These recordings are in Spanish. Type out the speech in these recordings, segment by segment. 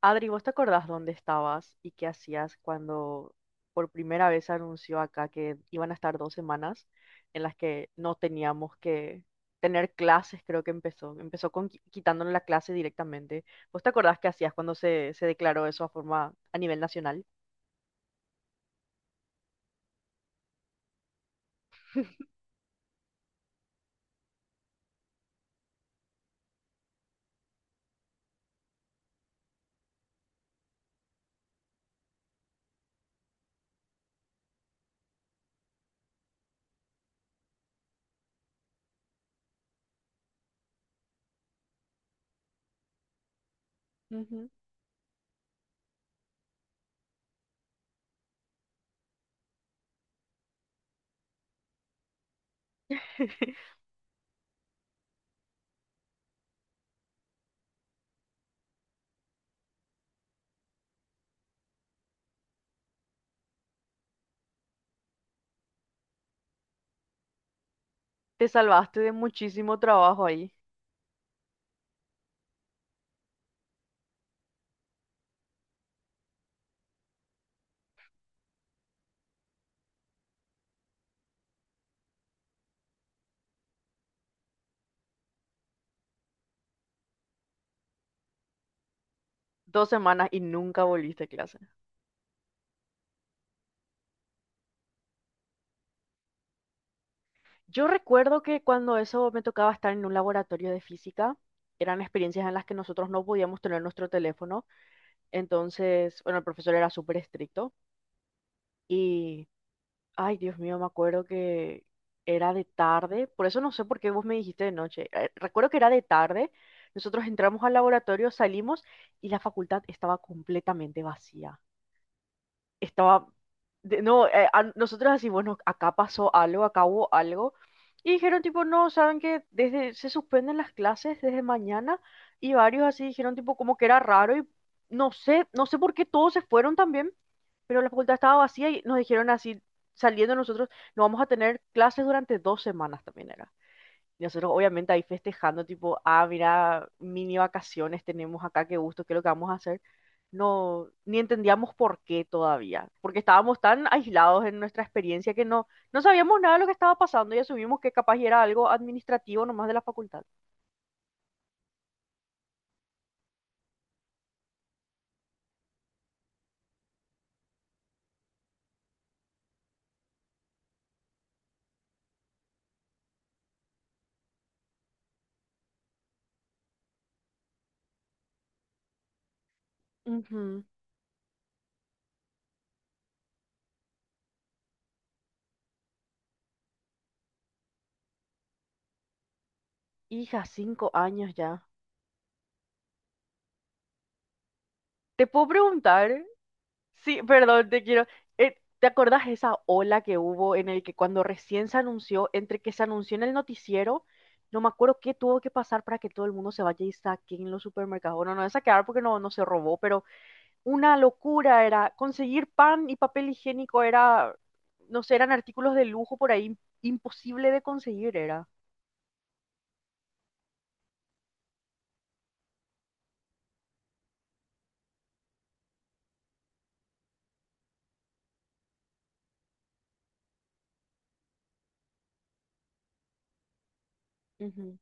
Adri, ¿vos te acordás dónde estabas y qué hacías cuando por primera vez se anunció acá que iban a estar 2 semanas en las que no teníamos que tener clases? Creo que empezó. Empezó con quitándonos la clase directamente. ¿Vos te acordás qué hacías cuando se declaró eso a forma a nivel nacional? Ujú. Te salvaste de muchísimo trabajo ahí. Dos semanas y nunca volviste a clase. Yo recuerdo que cuando eso me tocaba estar en un laboratorio de física, eran experiencias en las que nosotros no podíamos tener nuestro teléfono. Entonces, bueno, el profesor era súper estricto y, ay, Dios mío, me acuerdo que era de tarde, por eso no sé por qué vos me dijiste de noche. Recuerdo que era de tarde, nosotros entramos al laboratorio, salimos y la facultad estaba completamente vacía, estaba, no, nosotros así, bueno, acá pasó algo, acá hubo algo. Y dijeron tipo, no, saben que se suspenden las clases desde mañana. Y varios así dijeron tipo como que era raro, y no sé por qué todos se fueron también, pero la facultad estaba vacía y nos dijeron así, saliendo nosotros, no vamos a tener clases durante 2 semanas también era. Y nosotros obviamente ahí festejando, tipo, ah, mira, mini vacaciones tenemos acá, qué gusto, qué es lo que vamos a hacer. No, ni entendíamos por qué todavía, porque estábamos tan aislados en nuestra experiencia que no sabíamos nada de lo que estaba pasando y asumimos que capaz era algo administrativo nomás de la facultad. Ujú. Hija, 5 años ya. Te puedo preguntar. Sí, perdón, te quiero. ¿Te acordás esa ola que hubo en el que cuando recién se anunció, entre que se anunció en el noticiero? No me acuerdo qué tuvo que pasar para que todo el mundo se vaya y saque en los supermercados. Bueno, no es saquear porque no se robó, pero una locura era conseguir pan y papel higiénico era, no sé, eran artículos de lujo por ahí, imposible de conseguir era. Ujú.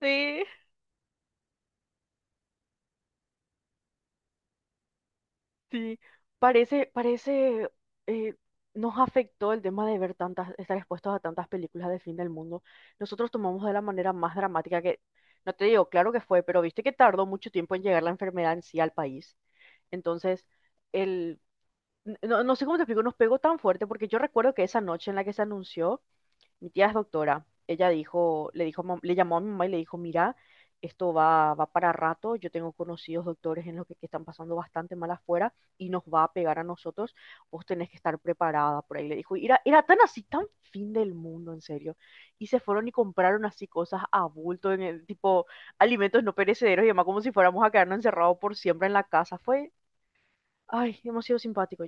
Sí. Sí, parece, eh, nos afectó el tema de ver tantas, estar expuestos a tantas películas de fin del mundo. Nosotros tomamos de la manera más dramática que, no te digo, claro que fue, pero viste que tardó mucho tiempo en llegar la enfermedad en sí al país. Entonces, el, no, no sé cómo te explico, nos pegó tan fuerte porque yo recuerdo que esa noche en la que se anunció, mi tía es doctora. Le dijo, le llamó a mi mamá y le dijo, mira, esto va para rato. Yo tengo conocidos doctores que están pasando bastante mal afuera y nos va a pegar a nosotros. Vos tenés que estar preparada por ahí. Le dijo, y era tan así, tan fin del mundo, en serio. Y se fueron y compraron así cosas a bulto, tipo alimentos no perecederos y demás, como si fuéramos a quedarnos encerrados por siempre en la casa. Fue, ay, demasiado simpático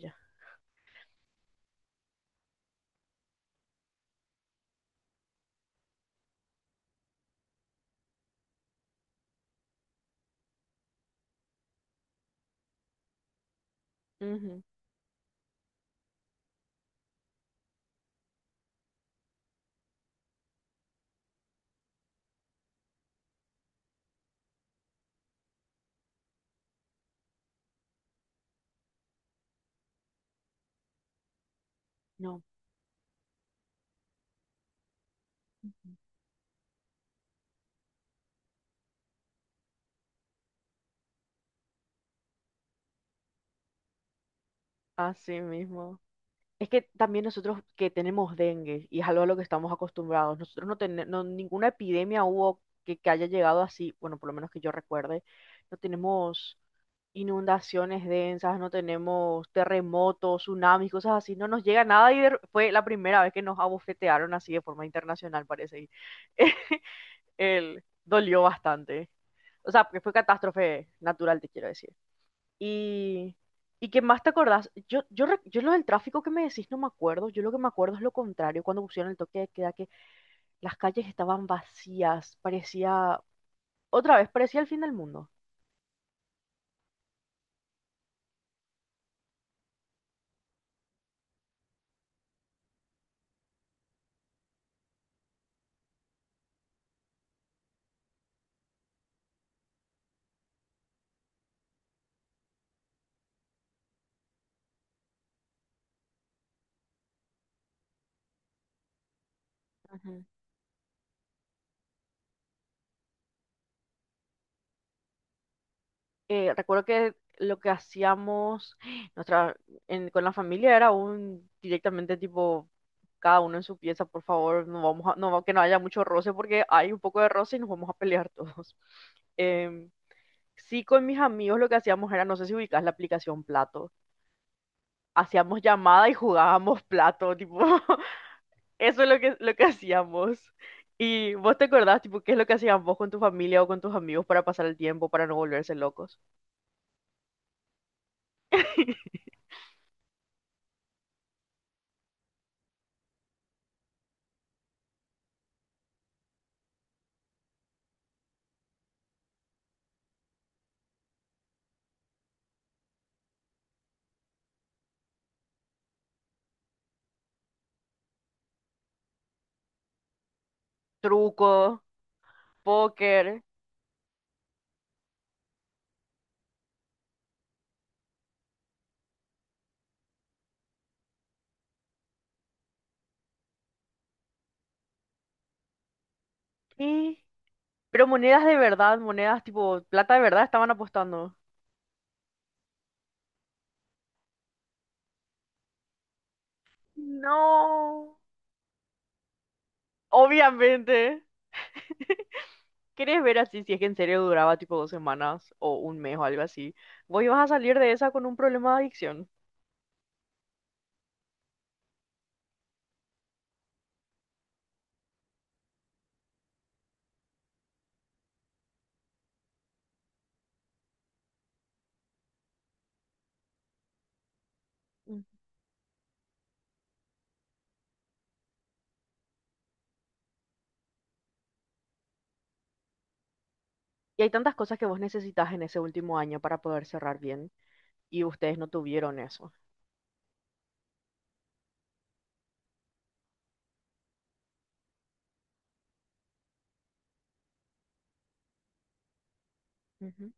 ya. Ujú. No, así mismo. Es que también nosotros que tenemos dengue y es algo a lo que estamos acostumbrados, nosotros no tenemos ninguna epidemia hubo que haya llegado así, bueno, por lo menos que yo recuerde, no tenemos inundaciones densas, no tenemos terremotos, tsunamis, cosas así, no nos llega nada y fue la primera vez que nos abofetearon así de forma internacional, parece. Y el dolió bastante. O sea, que fue catástrofe natural, te quiero decir. Y, y qué más te acordás, yo lo del tráfico que me decís no me acuerdo, yo lo que me acuerdo es lo contrario, cuando pusieron el toque de queda, que las calles estaban vacías, parecía, otra vez, parecía el fin del mundo. Ujú. Recuerdo que lo que hacíamos nuestra, con la familia era un directamente tipo, cada uno en su pieza, por favor, no, que no haya mucho roce porque hay un poco de roce y nos vamos a pelear todos. Em, sí, con mis amigos lo que hacíamos era, no sé si ubicás la aplicación Plato. Hacíamos llamada y jugábamos plato, tipo, eso es lo que hacíamos. ¿Y vos te acordás, tipo, qué es lo que hacían vos con tu familia o con tus amigos para pasar el tiempo, para no volverse locos? Truco, póker, y, pero monedas de verdad, monedas tipo, plata de verdad estaban apostando. No, obviamente. ¿Querés ver así si es que en serio duraba tipo 2 semanas o un mes o algo así? Vos ibas a salir de esa con un problema de adicción. Y hay tantas cosas que vos necesitas en ese último año para poder cerrar bien. Y ustedes no tuvieron eso. Ujú.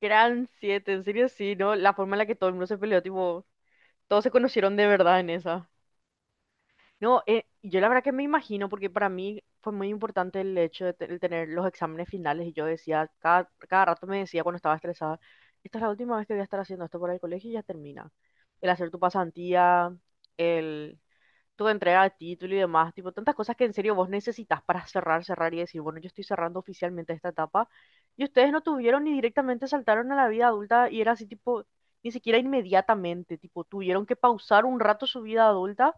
Gran siete, en serio sí, ¿no? La forma en la que todo el mundo se peleó, tipo, todos se conocieron de verdad en esa. No, yo la verdad que me imagino, porque para mí fue muy importante el hecho de, el tener los exámenes finales. Y yo decía, cada rato me decía cuando estaba estresada, esta es la última vez que voy a estar haciendo esto para el colegio y ya termina. El hacer tu pasantía, el tu entrega de título y demás, tipo, tantas cosas que en serio vos necesitas para cerrar, cerrar y decir, bueno, yo estoy cerrando oficialmente esta etapa, y ustedes no tuvieron ni directamente saltaron a la vida adulta y era así, tipo, ni siquiera inmediatamente, tipo, tuvieron que pausar un rato su vida adulta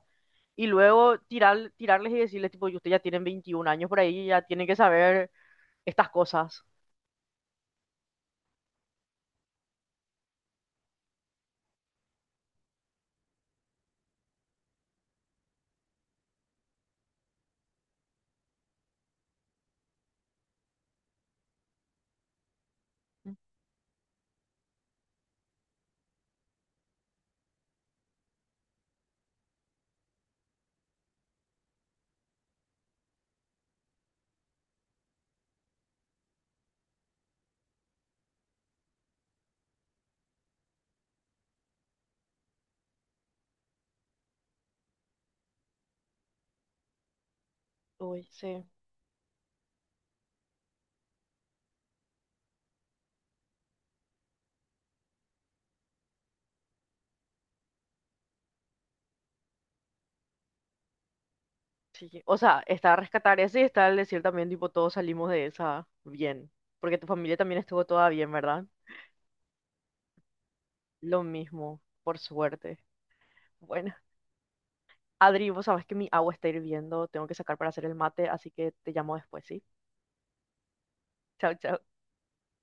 y luego tirarles y decirles, tipo, y ustedes ya tienen 21 años por ahí, ya tienen que saber estas cosas. Uy, sí. Sí, o sea, está rescatar ese y está el decir también, tipo, todos salimos de esa bien, porque tu familia también estuvo toda bien, ¿verdad? Lo mismo, por suerte. Bueno, Adri, vos sabés que mi agua está hirviendo, tengo que sacar para hacer el mate, así que te llamo después, ¿sí? Chao, chao.